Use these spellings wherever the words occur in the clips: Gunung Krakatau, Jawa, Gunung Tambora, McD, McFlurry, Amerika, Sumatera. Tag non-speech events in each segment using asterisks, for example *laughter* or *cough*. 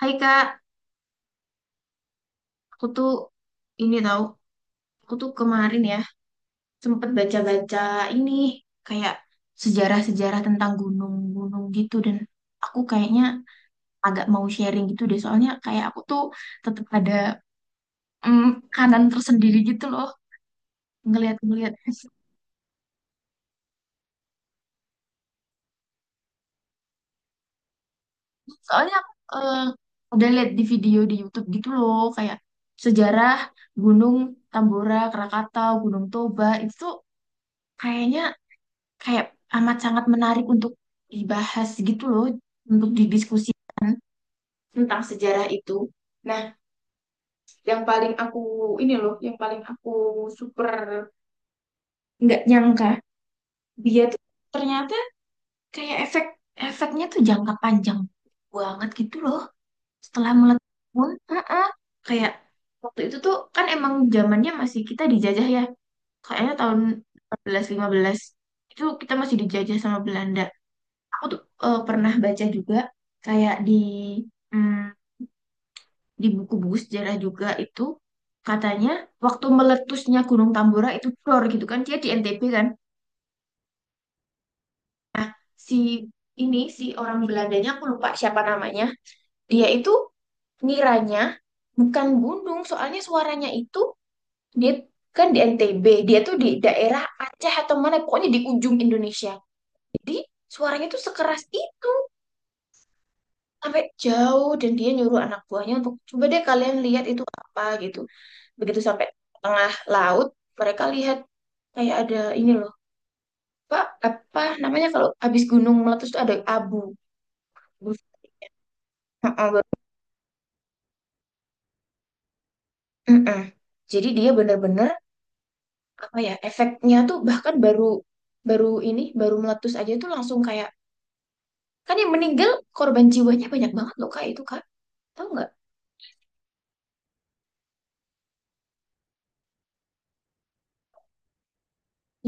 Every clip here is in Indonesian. Hai Kak, aku tuh ini tahu, aku tuh kemarin ya sempet baca-baca ini kayak sejarah-sejarah tentang gunung-gunung gitu dan aku kayaknya agak mau sharing gitu deh soalnya kayak aku tuh tetap ada mm, kanan tersendiri gitu loh ngelihat-ngelihat. *laughs* Soalnya aku udah lihat di video di YouTube gitu loh kayak sejarah Gunung Tambora, Krakatau, Gunung Toba itu tuh kayaknya kayak amat sangat menarik untuk dibahas gitu loh, untuk didiskusikan tentang sejarah itu. Nah, yang paling aku ini loh, yang paling aku super nggak nyangka, dia tuh ternyata kayak efeknya tuh jangka panjang banget gitu loh. Setelah meletus pun, heeh, kayak waktu itu tuh kan emang zamannya masih kita dijajah ya, kayaknya tahun 14 15 itu kita masih dijajah sama Belanda. Aku tuh pernah baca juga kayak di mm, di buku-buku sejarah juga itu katanya waktu meletusnya Gunung Tambora itu dor gitu kan dia di NTB kan si ini si orang Belandanya aku lupa siapa namanya dia itu ngiranya bukan gunung soalnya suaranya itu dia kan di NTB dia tuh di daerah Aceh atau mana pokoknya di ujung Indonesia jadi suaranya tuh sekeras itu sampai jauh dan dia nyuruh anak buahnya untuk coba deh kalian lihat itu apa gitu. Begitu sampai tengah laut, mereka lihat kayak ada ini loh, Pak, apa namanya kalau habis gunung meletus tuh ada abu. Heeh, heeh. Jadi dia bener-bener apa ya efeknya tuh bahkan baru baru ini baru meletus aja tuh langsung kayak kan yang meninggal korban jiwanya banyak banget loh kak itu kak tahu nggak?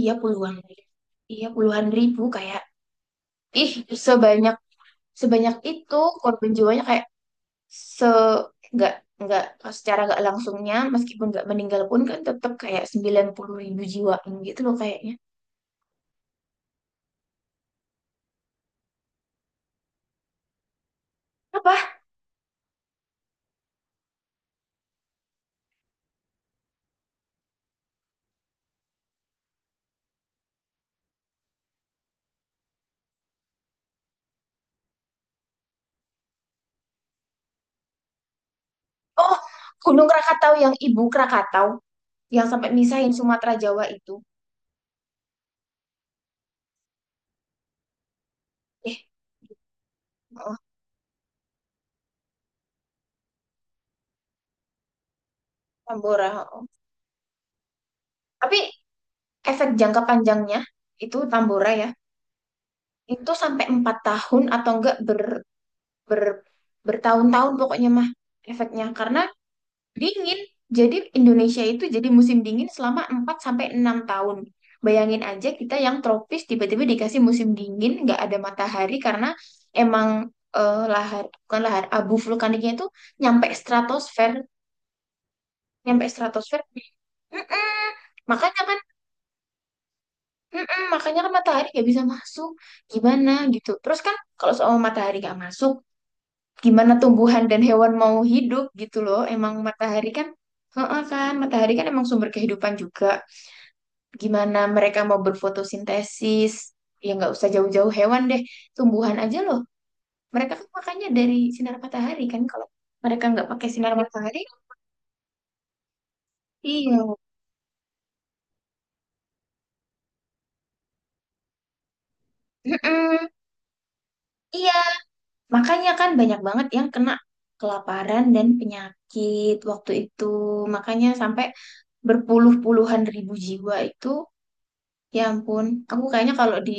Iya puluhan, iya puluhan ribu kayak ih sebanyak sebanyak itu korban jiwanya kayak se nggak nggak secara nggak langsungnya meskipun nggak meninggal pun kan tetap kayak 90 ribu jiwain gitu loh kayaknya apa oh Gunung Krakatau yang ibu Krakatau yang sampai misahin Sumatera Jawa itu eh oh, Tambora oh. Tapi efek jangka panjangnya itu Tambora ya itu sampai 4 tahun atau enggak ber, ber bertahun-tahun pokoknya mah efeknya karena dingin. Jadi Indonesia itu jadi musim dingin selama 4 sampai 6 tahun. Bayangin aja kita yang tropis tiba-tiba dikasih musim dingin, nggak ada matahari karena emang lahar bukan lahar abu vulkaniknya itu nyampe stratosfer, nyampe stratosfer. Mm-mm. Makanya kan mm-mm, makanya kan matahari nggak bisa masuk. Gimana gitu. Terus kan kalau soal matahari nggak masuk, gimana tumbuhan dan hewan mau hidup gitu loh. Emang matahari kan, heeh kan, matahari kan emang sumber kehidupan juga. Gimana mereka mau berfotosintesis, ya nggak usah jauh-jauh hewan deh, tumbuhan aja loh mereka kan makannya dari sinar matahari kan kalau mereka nggak pakai sinar matahari. Iya. Mm-mm. Iya makanya kan banyak banget yang kena kelaparan dan penyakit waktu itu makanya sampai berpuluh-puluhan ribu jiwa itu. Ya ampun, aku kayaknya kalau di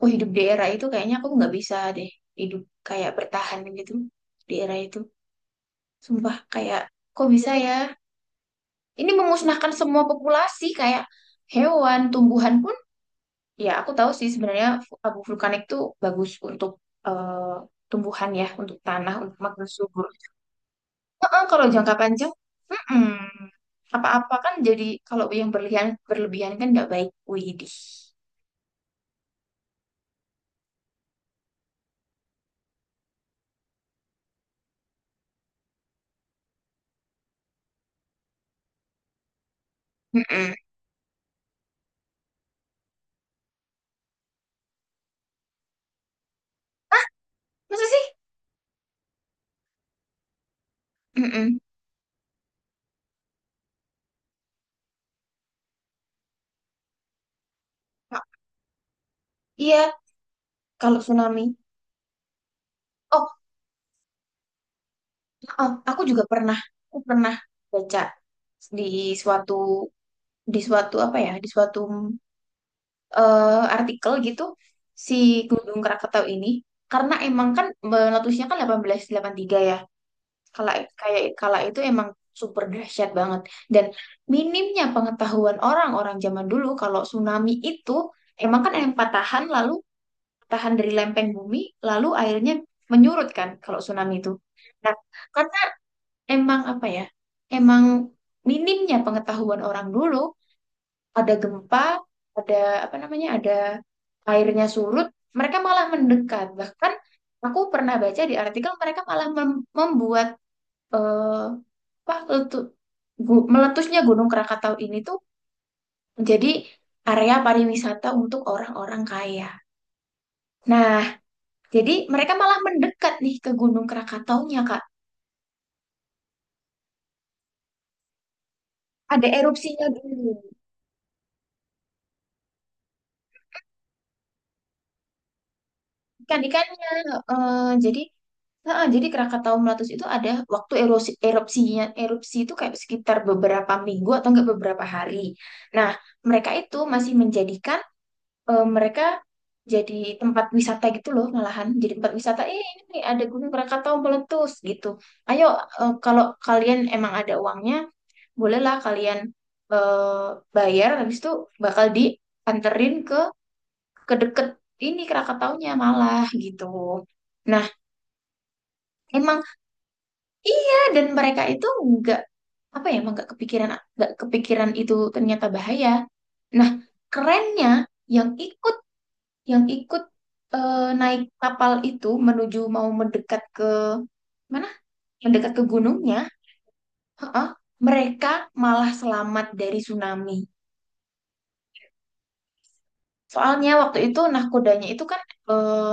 oh hidup di era itu kayaknya aku nggak bisa deh hidup kayak bertahan gitu di era itu. Sumpah kayak kok bisa ya? Ini memusnahkan semua populasi kayak hewan, tumbuhan pun. Ya aku tahu sih sebenarnya abu vulkanik tuh bagus untuk eh, tumbuhan ya, untuk tanah, untuk makna subur. Heeh, kalau jangka panjang, mm-mm. Apa-apa kan jadi kalau yang berlebihan berlebihan kan nggak baik. Widih. Mm-mm. Masa sih? Mm-mm. Nah, iya, kalau tsunami. Oh, heeh, aku juga pernah, aku pernah baca di suatu di suatu apa ya artikel gitu si Gedung Krakatau ini karena emang kan letusnya kan 1883 ya kala kala itu emang super dahsyat banget dan minimnya pengetahuan orang-orang zaman dulu kalau tsunami itu emang kan yang patahan dari lempeng bumi lalu airnya menyurut kan kalau tsunami itu nah karena emang apa ya emang minimnya pengetahuan orang dulu ada gempa, ada apa namanya, ada airnya surut, mereka malah mendekat. Bahkan aku pernah baca di artikel mereka malah membuat eh, apa letu- meletusnya Gunung Krakatau ini tuh menjadi area pariwisata untuk orang-orang kaya. Nah, jadi mereka malah mendekat nih ke Gunung Krakataunya, Kak. Ada erupsinya dulu. Ikan-ikannya. Eh, jadi Nah, jadi Krakatau meletus itu ada waktu erosi, erupsinya, erupsi itu kayak sekitar beberapa minggu atau enggak beberapa hari. Nah, mereka itu masih menjadikan mereka jadi tempat wisata gitu loh, malahan jadi tempat wisata. Eh, ini nih ada Gunung Krakatau meletus gitu. Ayo, eh, kalau kalian emang ada uangnya, bolehlah kalian eh, bayar. Habis itu bakal dianterin kedeket ini Krakataunya malah gitu. Nah, emang iya dan mereka itu nggak apa ya, emang nggak kepikiran itu ternyata bahaya. Nah, kerennya yang ikut yang ikut naik kapal itu menuju mau mendekat ke mana? Mendekat ke gunungnya, heeh, mereka malah selamat dari tsunami. Soalnya waktu itu nahkodanya itu kan eh,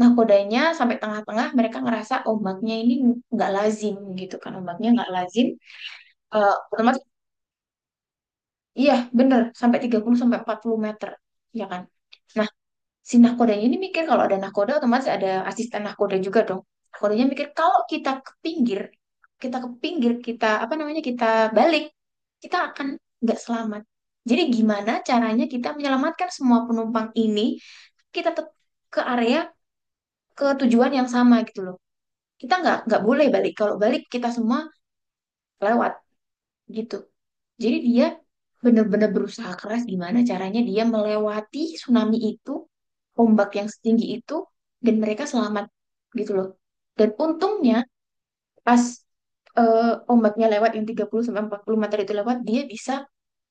nahkodanya sampai tengah-tengah mereka ngerasa ombaknya ini nggak lazim gitu kan ombaknya nggak lazim. Eh, otomatis iya bener sampai 30 sampai 40 meter ya kan. Nah, si nahkodanya ini mikir kalau ada nahkoda otomatis ada asisten nahkoda juga dong. Nahkodanya mikir kalau kita ke pinggir, kita ke pinggir, kita apa namanya kita balik, kita akan nggak selamat. Jadi gimana caranya kita menyelamatkan semua penumpang ini? Kita tetap ke area ke tujuan yang sama gitu loh. Kita nggak boleh balik. Kalau balik kita semua lewat gitu. Jadi dia benar-benar berusaha keras gimana caranya dia melewati tsunami itu, ombak yang setinggi itu, dan mereka selamat gitu loh. Dan untungnya pas ombaknya lewat yang 30 sampai 40 meter itu lewat, dia bisa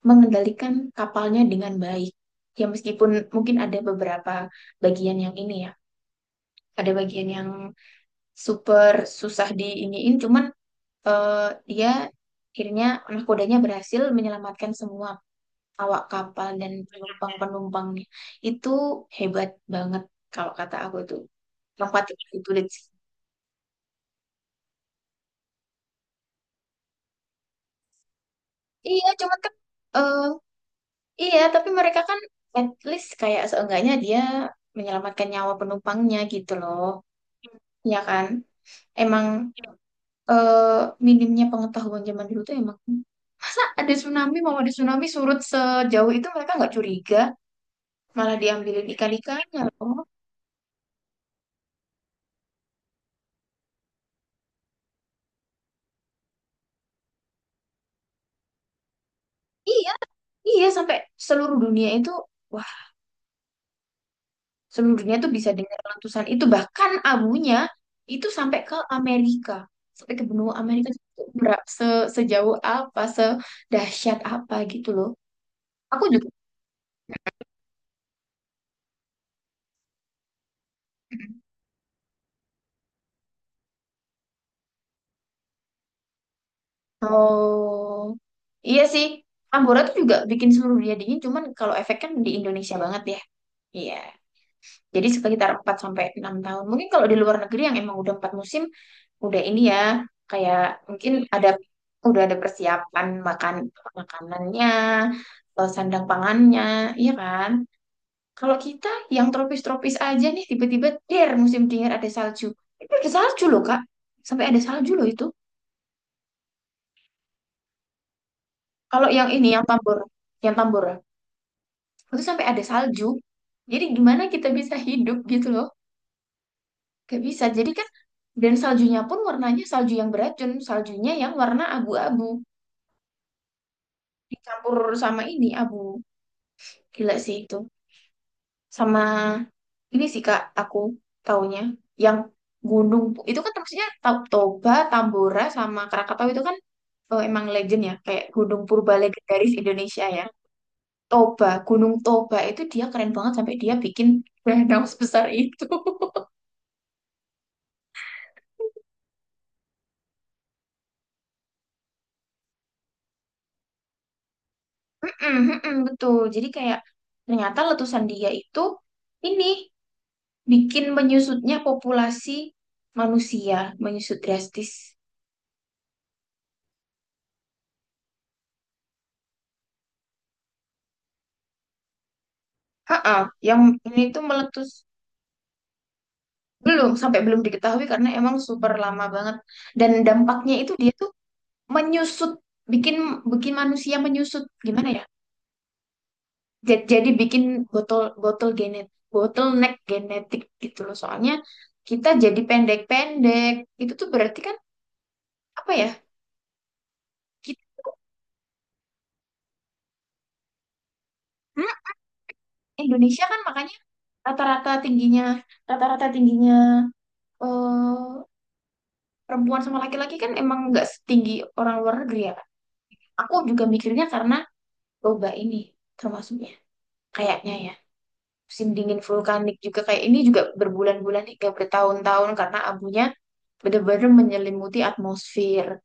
mengendalikan kapalnya dengan baik. Ya meskipun mungkin ada beberapa bagian yang ini ya, ada bagian yang super susah diiniin, cuman dia akhirnya nahkodanya berhasil menyelamatkan semua awak kapal dan penumpang-penumpangnya itu hebat banget kalau kata aku itu tempat itu sulit sih. Iya, cuma kan eh iya tapi mereka kan at least kayak seenggaknya dia menyelamatkan nyawa penumpangnya gitu loh. Ya kan? Emang eh minimnya pengetahuan zaman dulu tuh emang masa ada tsunami mau ada tsunami surut sejauh itu mereka nggak curiga malah diambilin ikan-ikannya loh. Iya, iya sampai seluruh dunia itu Seluruh dunia tuh bisa dengar letusan itu. Bahkan abunya itu sampai ke Amerika. Sampai ke benua Amerika. Itu sejauh apa, sedahsyat apa gitu loh. Aku juga. Oh, iya sih. Tambora tuh juga bikin seluruh dunia dingin. Cuman kalau efeknya di Indonesia banget ya. Iya. Jadi sekitar 4 sampai 6 tahun. Mungkin kalau di luar negeri yang emang udah 4 musim, udah ini ya, kayak mungkin ada udah ada persiapan makan makanannya, sandang pangannya, iya kan? Kalau kita yang tropis-tropis aja nih tiba-tiba der musim dingin ada salju. Itu ada salju loh, Kak. Sampai ada salju loh itu. Kalau yang ini yang Tambora, yang Tambora, itu sampai ada salju. Jadi gimana kita bisa hidup gitu loh? Gak bisa. Jadi kan dan saljunya pun warnanya salju yang beracun, saljunya yang warna abu-abu dicampur sama ini abu. Gila sih itu. Sama ini sih Kak, aku taunya yang gunung itu kan maksudnya Toba, Tambora sama Krakatau itu kan emang legend ya, kayak gunung purba legendaris Indonesia ya. Toba, Gunung Toba itu dia keren banget sampai dia bikin *laughs* danau sebesar itu. *laughs* Mm-mm, mm-mm, betul. Jadi kayak ternyata letusan dia itu ini bikin menyusutnya populasi manusia, menyusut drastis. Ha, yang ini tuh meletus belum sampai belum diketahui karena emang super lama banget dan dampaknya itu dia tuh menyusut, bikin bikin manusia menyusut. Gimana ya? Jadi bikin botol botol genet bottleneck genetik gitu loh. Soalnya kita jadi pendek-pendek. Itu tuh berarti kan apa ya? Kita Indonesia kan makanya rata-rata tingginya rata-rata tingginya eh, perempuan sama laki-laki kan emang nggak setinggi orang luar negeri ya. Aku juga mikirnya karena boba ini termasuknya kayaknya ya. Musim dingin vulkanik juga kayak ini juga berbulan-bulan hingga bertahun-tahun karena abunya benar-benar menyelimuti atmosfer.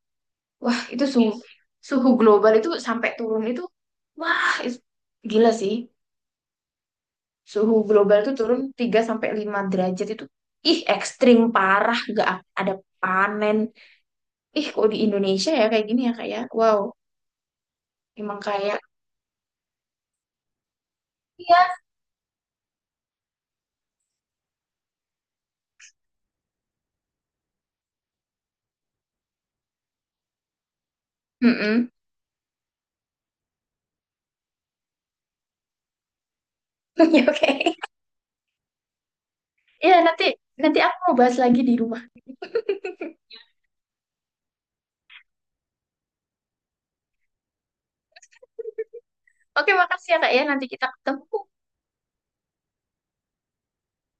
Wah, itu suhu suhu global itu sampai turun itu wah gila sih. Suhu global itu turun 3 sampai 5 derajat itu ih ekstrim parah nggak ada panen ih kok di Indonesia ya kayak gini ya kayak wow emang kayak iya mm *laughs* oke ya nanti nanti aku mau bahas lagi di rumah *laughs* oke makasih ya kak ya nanti kita ketemu